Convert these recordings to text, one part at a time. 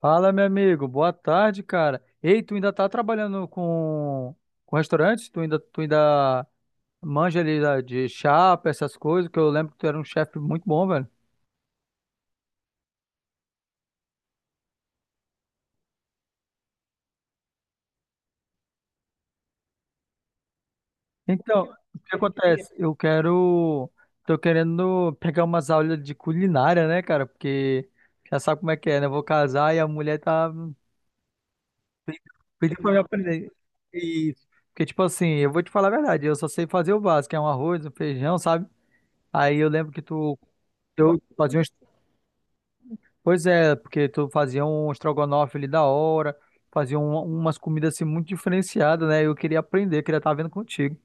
Fala, meu amigo. Boa tarde, cara. Ei, tu ainda tá trabalhando com restaurante? Tu ainda manja ali de chapa, essas coisas, que eu lembro que tu era um chefe muito bom, velho. Então, o que acontece? Eu quero. Tô querendo pegar umas aulas de culinária, né, cara? Porque já sabe como é que é, né? Eu vou casar e a mulher tá pedindo pra eu aprender. Isso. Porque, tipo assim, eu vou te falar a verdade, eu só sei fazer o básico, que é um arroz, um feijão, sabe? Aí eu lembro que tu. Eu fazia um pois é, porque tu fazia um estrogonofe ali da hora, fazia umas comidas assim muito diferenciadas, né? Eu queria aprender, queria estar vendo contigo.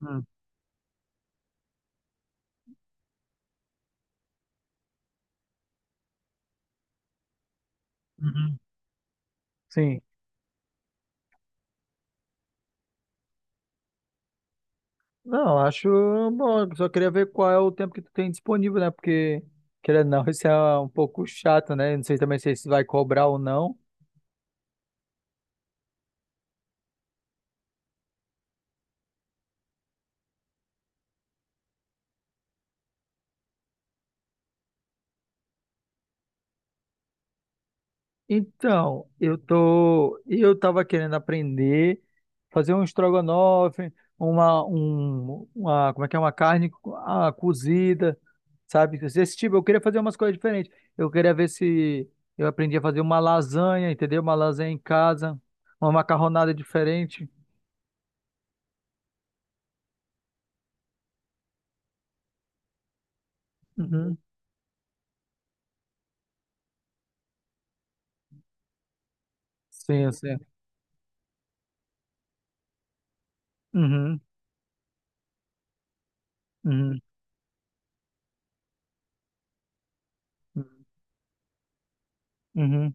Hum. Uhum. Sim. Não, acho bom, eu só queria ver qual é o tempo que tu tem disponível, né? Porque, querendo ou não, isso é um pouco chato, né? Não sei também se isso vai cobrar ou não. Então, eu tava querendo aprender fazer um estrogonofe, como é que é, uma carne cozida, sabe? Esse tipo, eu queria fazer umas coisas diferentes. Eu queria ver se eu aprendi a fazer uma lasanha, entendeu? Uma lasanha em casa, uma macarronada diferente. Uhum. Sim, sim. Uhum, uhum, uhum,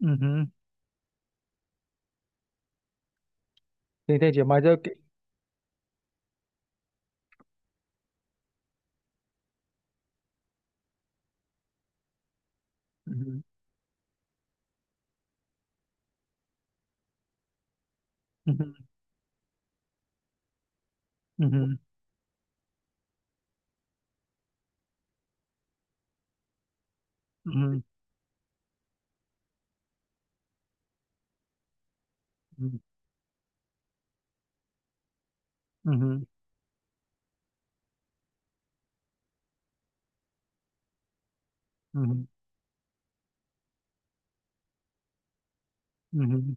uhum. Entendi, mas eu... Uhum, uhum, uhum, uhum, uhum, uhum, uhum. Uhum.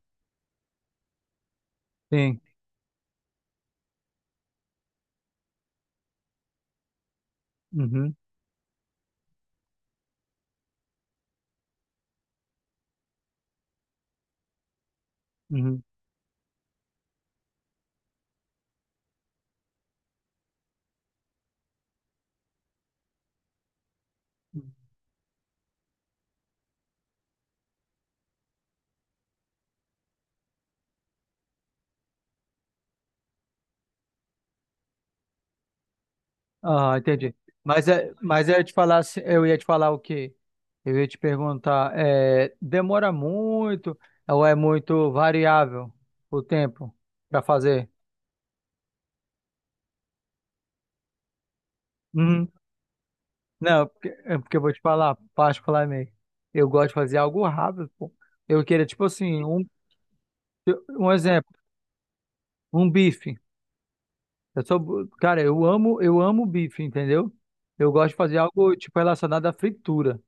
Sim. Uhum, uhum. Ah, entendi. Mas, é, mas eu ia te falar, eu ia te falar o quê? Eu ia te perguntar, é, demora muito ou é muito variável o tempo para fazer? Uhum. Não, porque, é porque eu vou te falar, particularmente, eu gosto de fazer algo rápido, pô. Eu queria, tipo assim, um exemplo, um bife. Eu sou, cara, eu amo bife, entendeu? Eu gosto de fazer algo, tipo, relacionado à fritura.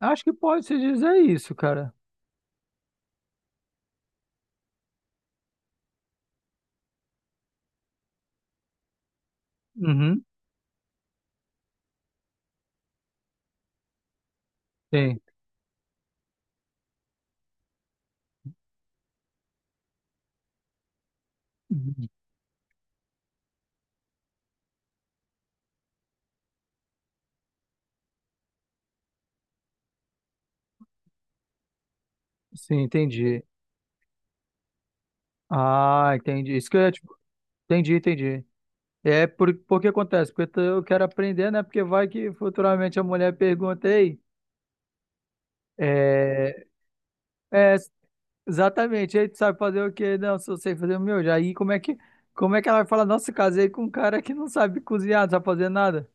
Acho que pode se dizer isso, cara. Uhum, sim. Uhum. Sim, entendi. Ah, entendi. Isso que eu ia entendi, entendi. É por que acontece? Porque eu quero aprender, né? Porque vai que futuramente a mulher pergunta, ei, é, é, exatamente, aí tu sabe fazer o quê? Não, só sei fazer o meu. Já aí como é que ela vai falar, nossa, casei com um cara que não sabe cozinhar, não sabe fazer nada?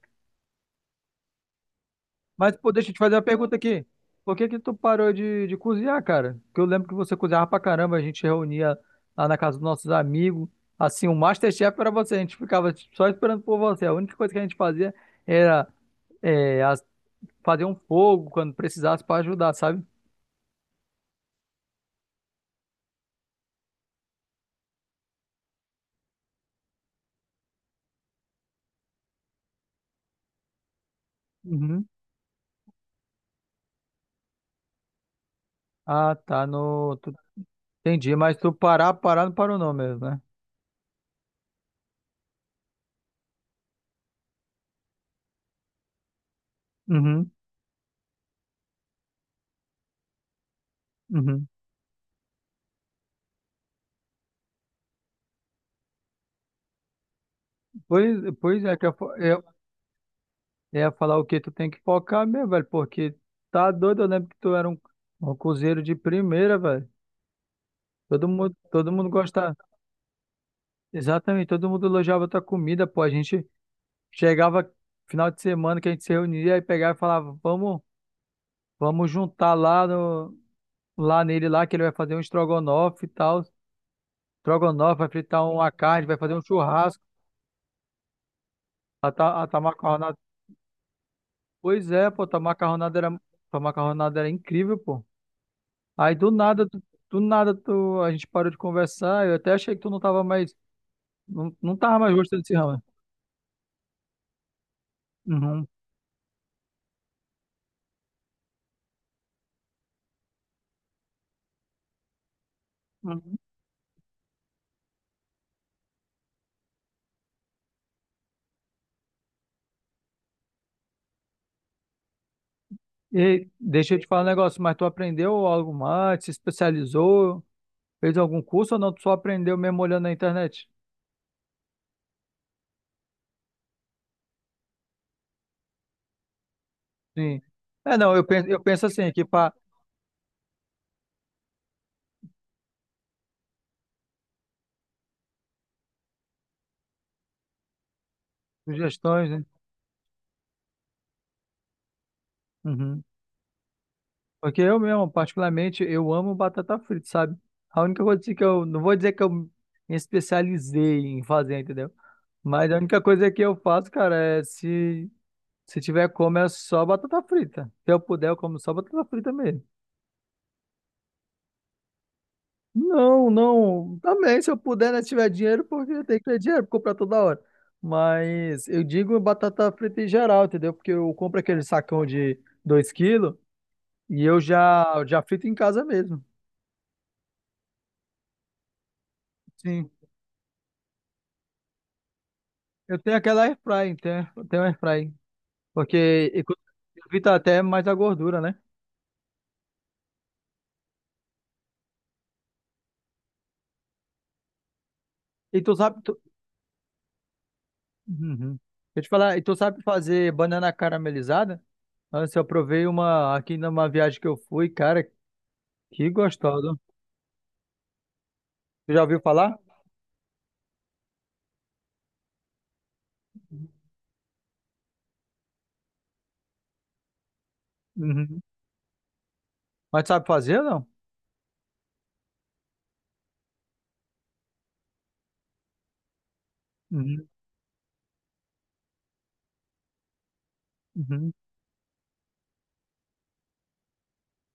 Mas, pô, deixa eu te fazer uma pergunta aqui. Por que que tu parou de cozinhar, cara? Porque eu lembro que você cozinhava pra caramba, a gente reunia lá na casa dos nossos amigos. Assim, o MasterChef era você, a gente ficava só esperando por você. A única coisa que a gente fazia era é, as- fazer um fogo quando precisasse pra ajudar, sabe? Uhum. Ah, tá, no... tu- entendi, mas tu parar não parou não mesmo, né? Uhum, uhum. Pois, pois é que eu, é falar o que tu tem que focar mesmo, velho, porque tá doido, eu lembro que tu era um, um cozinheiro de primeira, velho. Todo mundo gostava, exatamente, todo mundo elogiava tua comida, pô. A gente chegava final de semana que a gente se reunia e pegava e falava, vamos, vamos juntar lá no, lá nele lá que ele vai fazer um estrogonofe e tal. Estrogonofe, vai fritar uma carne, vai fazer um churrasco. A tua macarronada, pois é, pô, tua macarronada era incrível, pô. Aí do nada, do nada tu, a gente parou de conversar. Eu até achei que tu não tava mais, não tava mais gostando desse ramo. Uhum. Uhum. E deixa eu te falar um negócio, mas tu aprendeu algo mais? Se especializou? Fez algum curso ou não? Tu só aprendeu mesmo olhando na internet? Sim. É, não, eu penso assim, aqui para sugestões, né? Uhum. Porque eu mesmo, particularmente, eu amo batata frita, sabe? A única coisa assim que eu, não vou dizer que eu me especializei em fazer, entendeu? Mas a única coisa que eu faço, cara, é se tiver como, é só batata frita. Se eu puder, eu como só batata frita mesmo. Não, não, também, se eu puder, né, se tiver dinheiro, porque eu tenho que ter dinheiro pra comprar toda hora. Mas eu digo batata frita em geral, entendeu? Porque eu compro aquele sacão de 2 quilos e eu já frito em casa mesmo. Sim. Eu tenho aquela airfry, tenho airfry. Porque evita até mais a gordura, né? E tu sabe. Tu... Uhum. Deixa eu te falar, e tu sabe fazer banana caramelizada? Antes eu provei uma aqui numa viagem que eu fui, cara, que gostosa. Tu já ouviu falar? Uhum. Mas sabe fazer ou não? Uhum, uhum,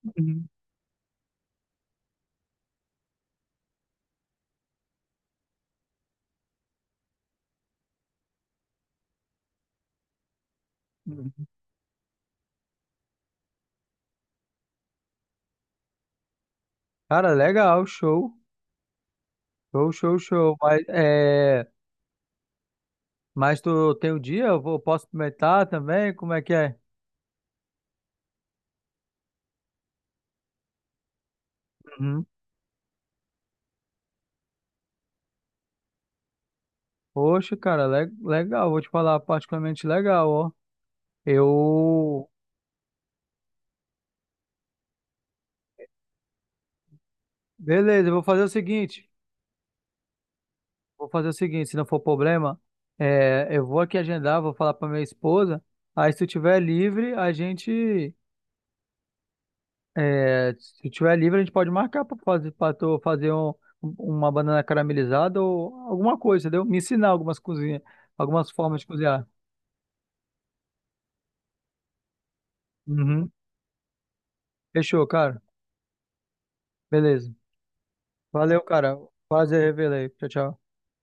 uhum, uhum. Cara, legal, show. Show, show, show. Mas, é... Mas tu tem o dia? Posso experimentar também? Como é que é? Uhum. Poxa, cara, legal, vou te falar, particularmente legal, ó. Eu. Beleza, eu vou fazer o seguinte. Vou fazer o seguinte, se não for problema, é, eu vou aqui agendar, vou falar pra minha esposa. Aí se tu tiver livre, a gente. É, se tu tiver livre, a gente pode marcar pra fazer, pra tu fazer uma banana caramelizada ou alguma coisa, entendeu? Me ensinar algumas cozinhas, algumas formas de cozinhar. Uhum. Fechou, cara. Beleza. Valeu, cara. Prazer revelar aí. Tchau, tchau.